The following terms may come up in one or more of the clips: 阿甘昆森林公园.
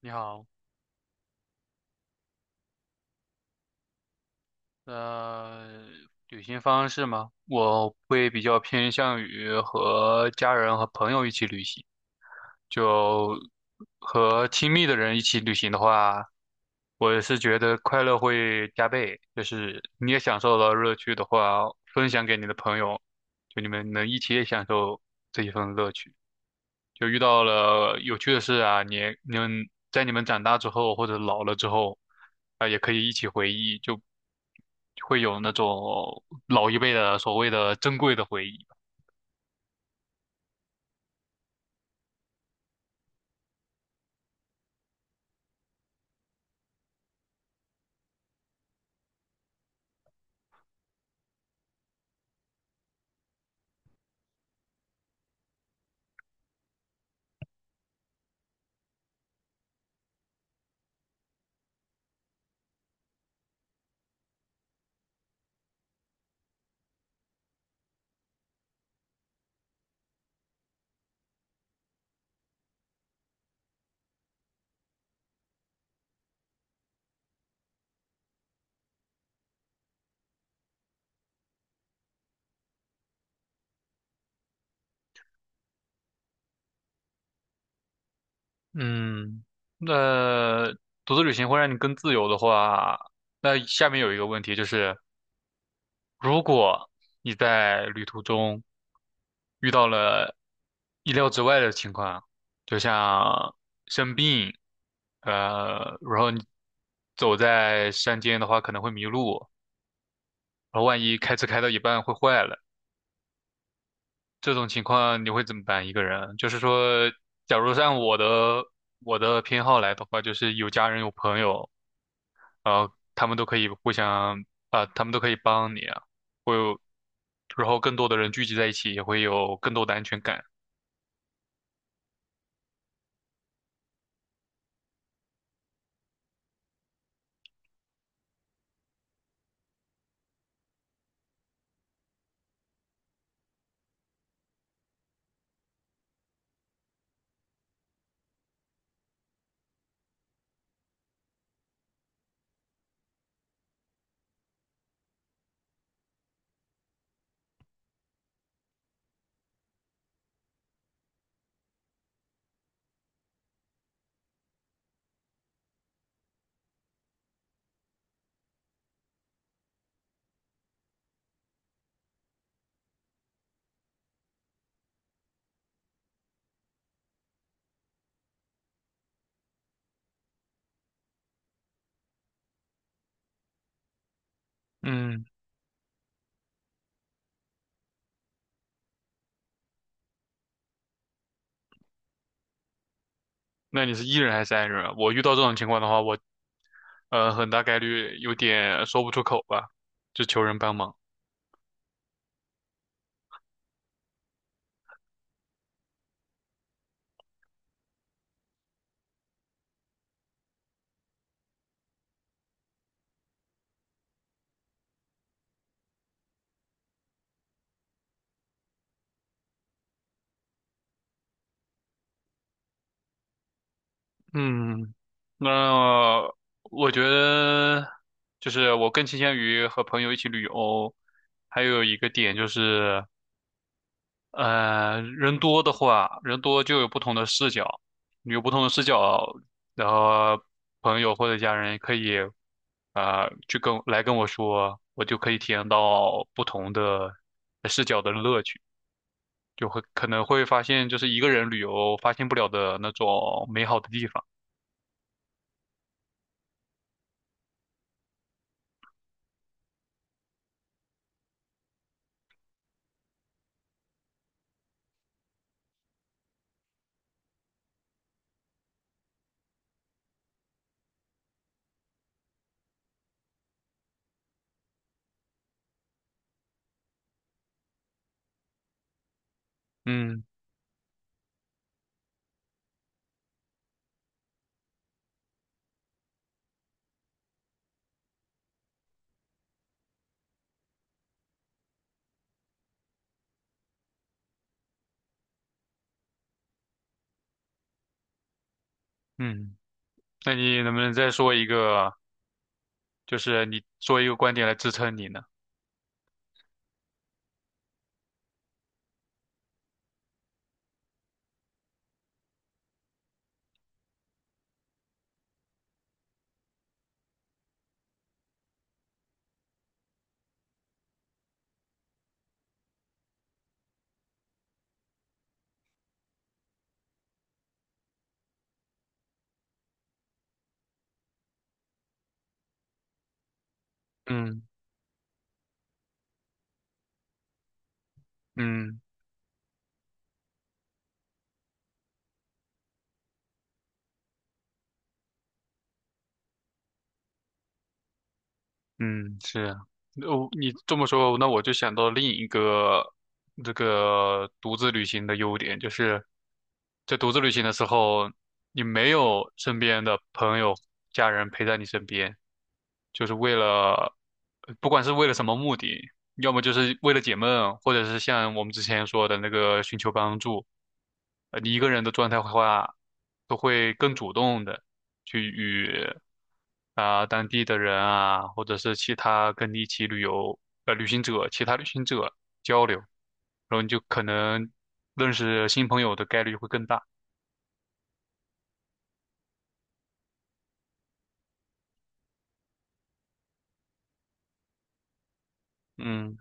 你好，呃，旅行方式吗？我会比较偏向于和家人和朋友一起旅行，就和亲密的人一起旅行的话，我是觉得快乐会加倍，就是你也享受了乐趣的话，分享给你的朋友，就你们能一起也享受这一份乐趣。就遇到了有趣的事啊，你们长大之后或者老了之后，啊、也可以一起回忆，就会有那种老一辈的所谓的珍贵的回忆。嗯，那独自旅行会让你更自由的话，那下面有一个问题就是，如果你在旅途中遇到了意料之外的情况，就像生病，然后你走在山间的话可能会迷路，然后万一开车开到一半会坏了，这种情况你会怎么办？一个人，就是说，假如按我的偏好来的话，就是有家人有朋友，呃，他们都可以互相他们都可以帮你啊，会有，然后更多的人聚集在一起，也会有更多的安全感。嗯，那你是 E 人还是 I 人啊？我遇到这种情况的话，我很大概率有点说不出口吧，就求人帮忙。嗯，那我觉得就是我更倾向于和朋友一起旅游，还有一个点就是。人多的话，人多就有不同的视角，有不同的视角，然后朋友或者家人可以去跟我说，我就可以体验到不同的视角的乐趣，就会可能会发现就是一个人旅游发现不了的那种美好的地方。嗯嗯，那你能不能再说一个，就是你说一个观点来支撑你呢？嗯嗯。嗯，是啊，哦，你这么说，那我就想到另一个这个独自旅行的优点，就是在独自旅行的时候，你没有身边的朋友、家人陪在你身边，就是为了，不管是为了什么目的，要么就是为了解闷，或者是像我们之前说的那个寻求帮助，你一个人的状态的话，都会更主动的去与啊、当地的人啊，或者是其他跟你一起旅行者、其他旅行者交流，然后你就可能认识新朋友的概率会更大。嗯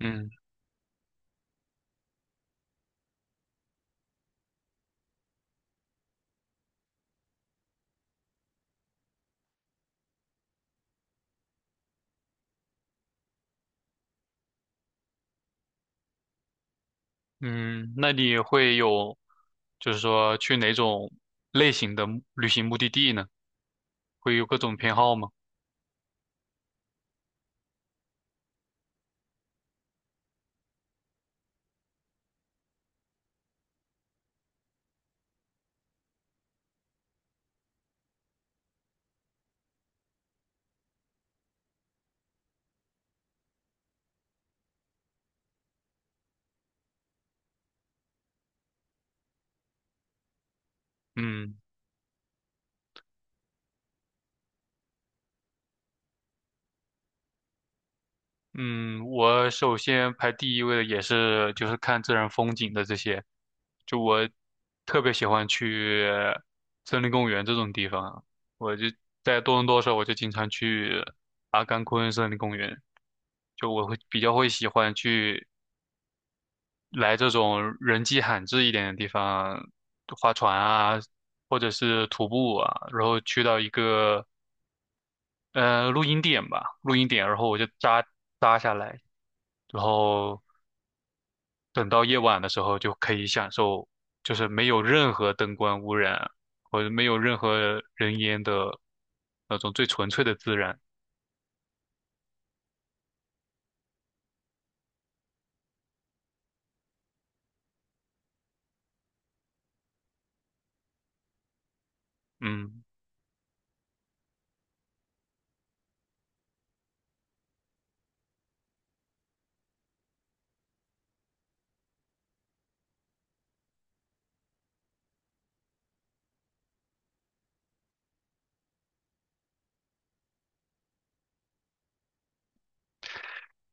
嗯嗯，那你会有就是说去哪种类型的旅行目的地呢？会有各种偏好吗？嗯。嗯，我首先排第一位的也是就是看自然风景的这些，就我特别喜欢去森林公园这种地方，我就在多伦多的时候，我就经常去阿甘昆森林公园，就我会比较喜欢来这种人迹罕至一点的地方，划船啊，或者是徒步啊，然后去到一个露营点，然后我就扎下来，然后，等到夜晚的时候就可以享受，就是没有任何灯光污染或者没有任何人烟的那种最纯粹的自然。嗯，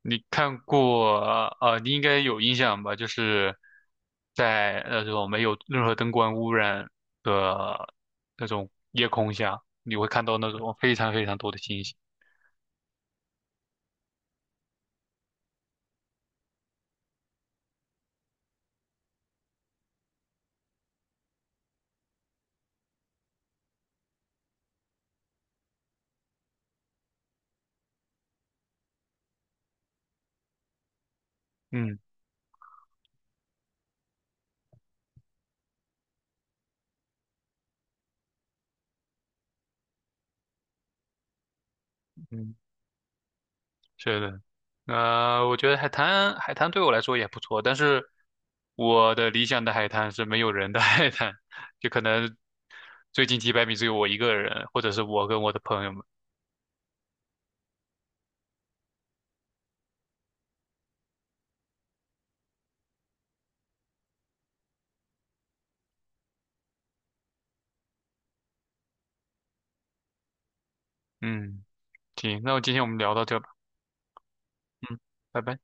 你看过啊、呃你应该有印象吧？就是在那种没有任何灯光污染的那种夜空下，你会看到那种非常非常多的星星。嗯嗯。是的，我觉得海滩对我来说也不错，但是我的理想的海滩是没有人的 海滩，就可能最近几百米只有我一个人，或者是我跟我的朋友们。嗯，行，那我今天我们聊到这吧，嗯，拜拜。